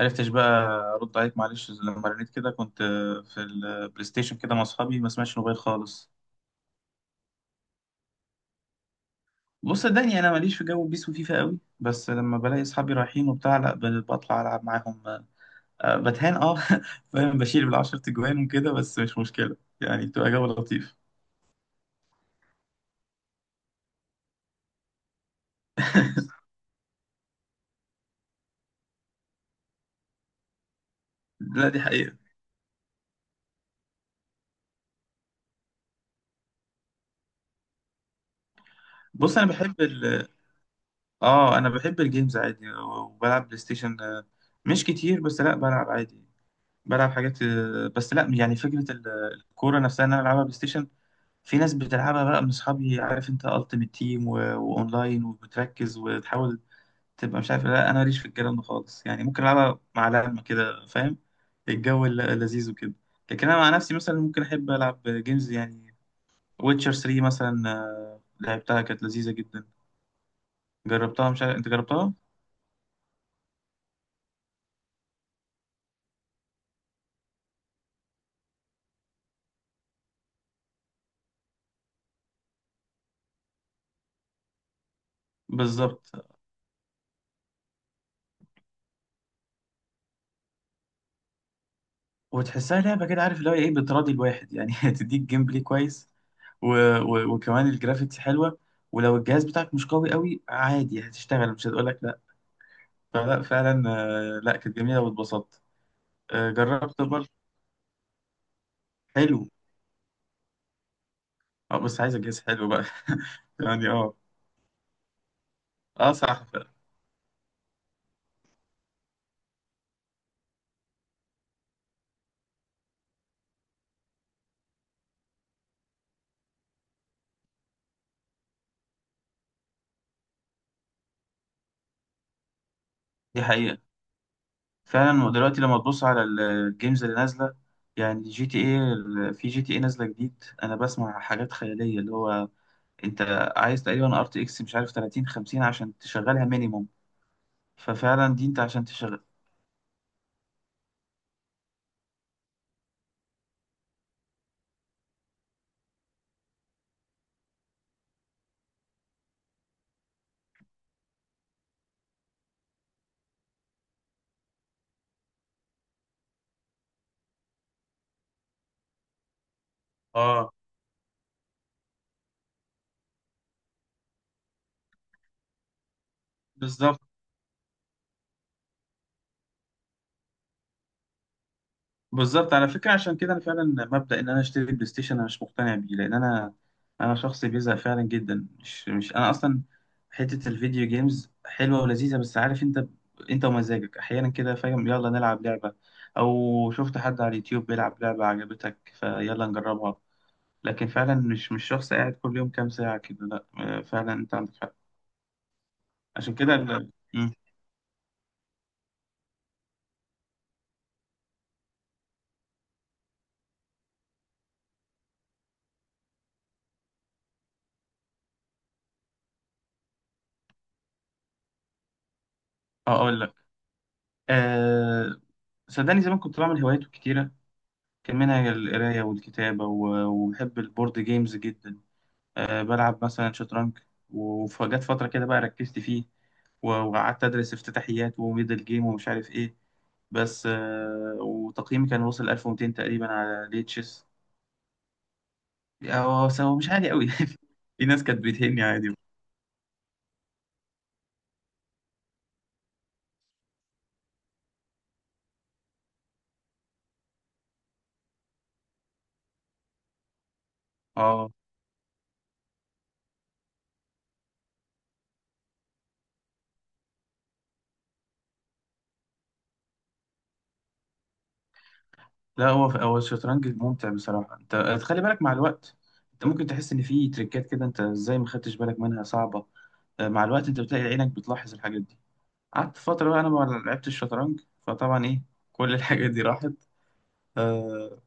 عرفتش بقى ارد عليك معلش لما رنيت كده، كنت في البلاي ستيشن كده مع اصحابي، ما سمعتش موبايل خالص. بص صدقني انا ماليش في جو بيس وفيفا قوي، بس لما بلاقي اصحابي رايحين وبتاع لا بطلع العب معاهم. آه، بتهان اه. فاهم، بشيل بالعشر تجوان وكده، بس مش مشكله يعني، بتبقى جو لطيف. لا دي حقيقه. بص انا بحب اه انا بحب الجيمز عادي، وبلعب بلاي ستيشن مش كتير، بس لا بلعب عادي. بلعب حاجات بس لا يعني، فكره الكوره نفسها ان انا العبها بلاي ستيشن، في ناس بتلعبها بقى من اصحابي، عارف انت، التيمت تيم واونلاين، وبتركز وتحاول تبقى مش عارف إيه، لا انا ماليش في الكلام ده خالص يعني، ممكن العبها مع لعبة كده، فاهم الجو لذيذ وكده. لكن انا مع نفسي مثلا ممكن احب العب جيمز، يعني ويتشر 3 مثلا، لعبتها كانت لذيذة جدا، جربتها؟ مش عارف انت جربتها؟ بالظبط. وتحسها لعبة كده، عارف اللي هو ايه، بتراضي الواحد يعني، تديك جيم بلاي كويس و... وكمان الجرافيكس حلوة، ولو الجهاز بتاعك مش قوي قوي عادي هتشتغل، مش هتقول لك فلا، فعلا لا كانت جميلة واتبسطت. جربت برضه، حلو. اه بس عايز اجهز، حلو بقى، يعني اه. اه صح فعلا. دي حقيقة، فعلا دلوقتي لما تبص على الجيمز اللي نازلة، يعني جي تي ايه، في جي تي ايه نازلة جديد، انا بسمع حاجات خيالية، اللي هو انت عايز تقريبا ار تي اكس مش عارف 30 50 عشان تشغلها مينيموم، ففعلا دي انت عشان تشغل اه. بالظبط. بالظبط على فكرة، عشان كده أنا فعلا مبدأ إن أنا أشتري بلاي ستيشن أنا مش مقتنع بيه، لأن أنا، أنا شخص بيزهق فعلا جدا، مش مش أنا أصلا. حتة الفيديو جيمز حلوة ولذيذة، بس عارف أنت، أنت ومزاجك أحيانا كده، فاهم يلا نلعب لعبة، أو شفت حد على اليوتيوب بيلعب لعبة عجبتك فيلا نجربها. لكن فعلا مش مش شخص قاعد كل يوم كام ساعة كده، لأ فعلا أنت عندك حق. عشان كده أه أقول لك، أه صدقني، زمان كنت بعمل هوايات كتيرة، كان منها القراية والكتابة، وبحب البورد جيمز جدا، أه بلعب مثلا شطرنج. وفجت فترة كده بقى ركزت فيه، وقعدت أدرس افتتاحيات وميدل جيم ومش عارف إيه، بس أه وتقييمي كان وصل 1200 تقريبا على ليتشس. هو مش عالي قوي، في ناس كانت بتهني عادي. اه لا، هو الشطرنج ممتع بصراحة. انت خلي بالك، مع الوقت انت ممكن تحس ان في تريكات كده انت ازاي ما خدتش بالك منها، صعبة. مع الوقت انت بتلاقي عينك بتلاحظ الحاجات دي. قعدت فترة بقى أنا ما لعبتش الشطرنج، فطبعا إيه، كل الحاجات دي راحت. آه،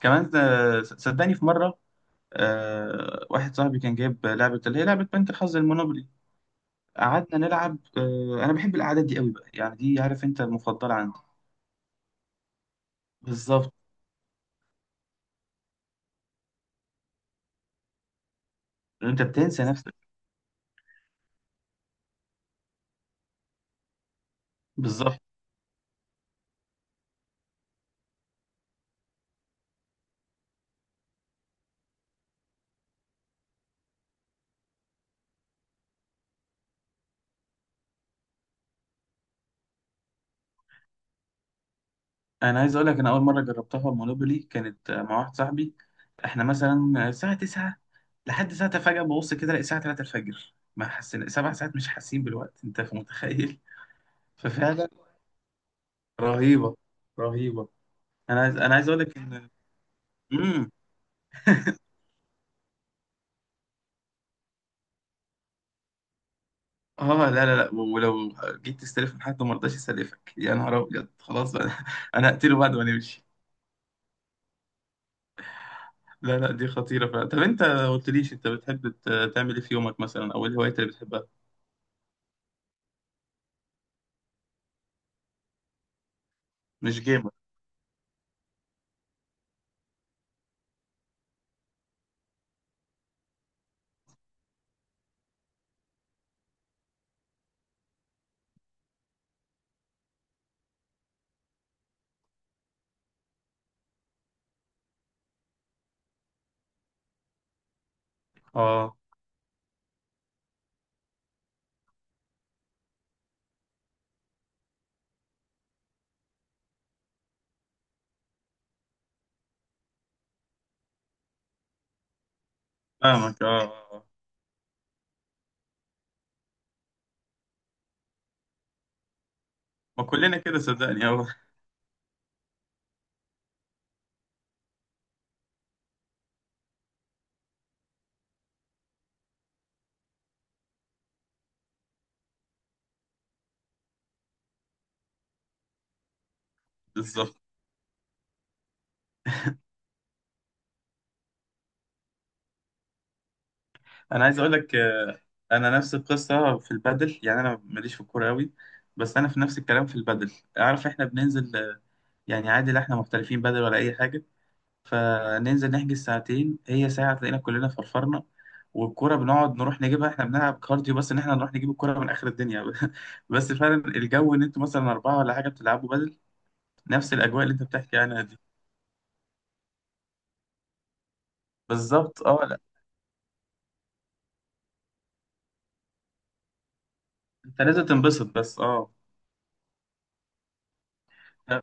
كمان صدقني في مرة آه، واحد صاحبي كان جايب لعبة، اللي هي لعبة بنك الحظ، المونوبولي. قعدنا نلعب آه، أنا بحب القعدات دي قوي بقى، يعني دي عارف أنت المفضلة عندي. بالظبط، أنت بتنسى نفسك. بالظبط، أنا عايز أقول لك، أنا أول مرة جربتها المونوبولي كانت مع واحد صاحبي، إحنا مثلا الساعة 9 لحد ساعة، فجأة ببص كده ألاقي الساعة 3 الفجر، ما حسينا 7 ساعات، مش حاسين بالوقت، أنت متخيل؟ ففعلا رهيبه، رهيبه. انا عايز اقول لك ان امم اه. لا لا لا، ولو جيت تستلف من حد وما رضاش يسلفك، يا نهار ابيض، خلاص بقى، انا هقتله بعد ما نمشي. لا لا دي خطيره فعلا. طب انت ما قلتليش، انت بتحب تعمل ايه في يومك مثلا، او ايه الهوايات اللي بتحبها؟ مش جيمك اه، فاهمك اه آه. ما كلنا كده صدقني اه. بالظبط، انا عايز اقول لك انا نفس القصه في البادل، يعني انا ماليش في الكوره قوي، بس انا في نفس الكلام في البادل. عارف احنا بننزل، يعني عادي لا، احنا محترفين بدل ولا اي حاجه، فننزل نحجز ساعتين، هي ساعه تلاقينا كلنا فرفرنا، والكرة بنقعد نروح نجيبها، احنا بنلعب كارديو بس ان احنا نروح نجيب الكرة من اخر الدنيا. بس فعلا الجو ان انتوا مثلا اربعة ولا حاجة بتلعبوا بدل، نفس الاجواء اللي انت بتحكي عنها دي، بالظبط اه. لا، انت لازم تنبسط بس اه. لا،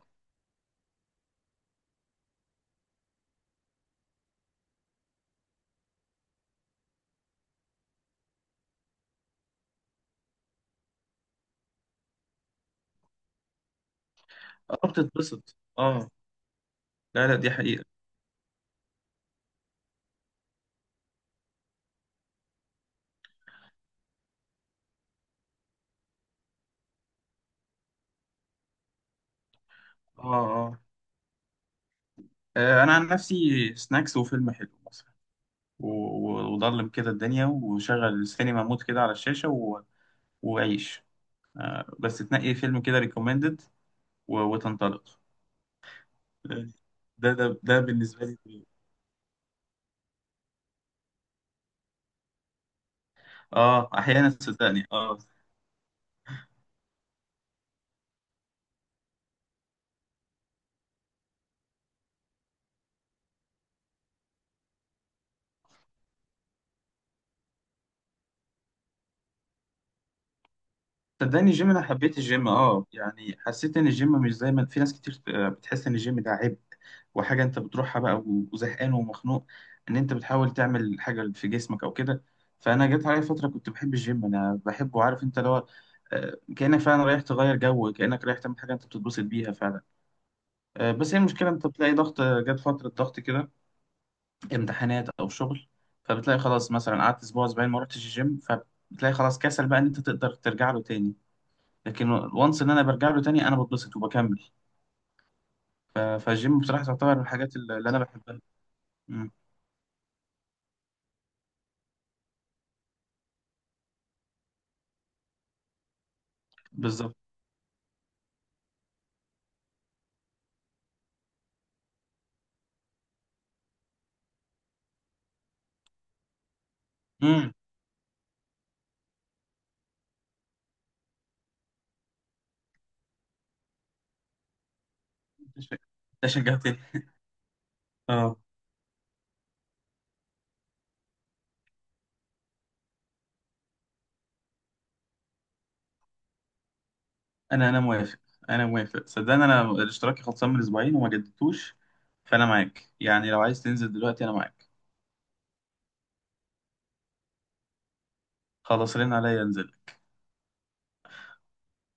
اه بتتبسط اه. لا لا دي حقيقة اه اه. انا عن نفسي سناكس وفيلم حلو مثلا، وضلم كده الدنيا، وشغل السينما مود كده على الشاشة، وعيش، بس تنقي فيلم كده ريكومندد وتنطلق. ده بالنسبه لي. اه احيانا صدقني اه. صدقني الجيم، انا حبيت الجيم اه، يعني حسيت ان الجيم مش زي ما في ناس كتير بتحس ان الجيم ده عبء، وحاجه انت بتروحها بقى وزهقان ومخنوق، ان انت بتحاول تعمل حاجه في جسمك او كده. فانا جت عليا فتره كنت بحب الجيم، انا بحبه عارف انت، اللي هو كانك فعلا رايح تغير جو، كانك رايح تعمل حاجه انت بتتبسط بيها فعلا. بس هي المشكله انت بتلاقي ضغط، جت فتره ضغط كده، امتحانات او شغل، فبتلاقي خلاص مثلا قعدت اسبوع اسبوعين ما رحتش الجيم، فبتلاقي خلاص كسل بقى ان انت تقدر ترجع له تاني. لكن وانس ان انا برجع له تاني، انا بتبسط وبكمل. فالجيم بصراحه تعتبر من الحاجات اللي انا بحبها. مم. بالظبط. امم ده شجعتني اه. انا موافق، انا موافق صدقني، انا الاشتراك خلصان من اسبوعين وما جددتوش، فانا معاك يعني، لو عايز تنزل دلوقتي انا معاك. خلاص رن عليا انزل.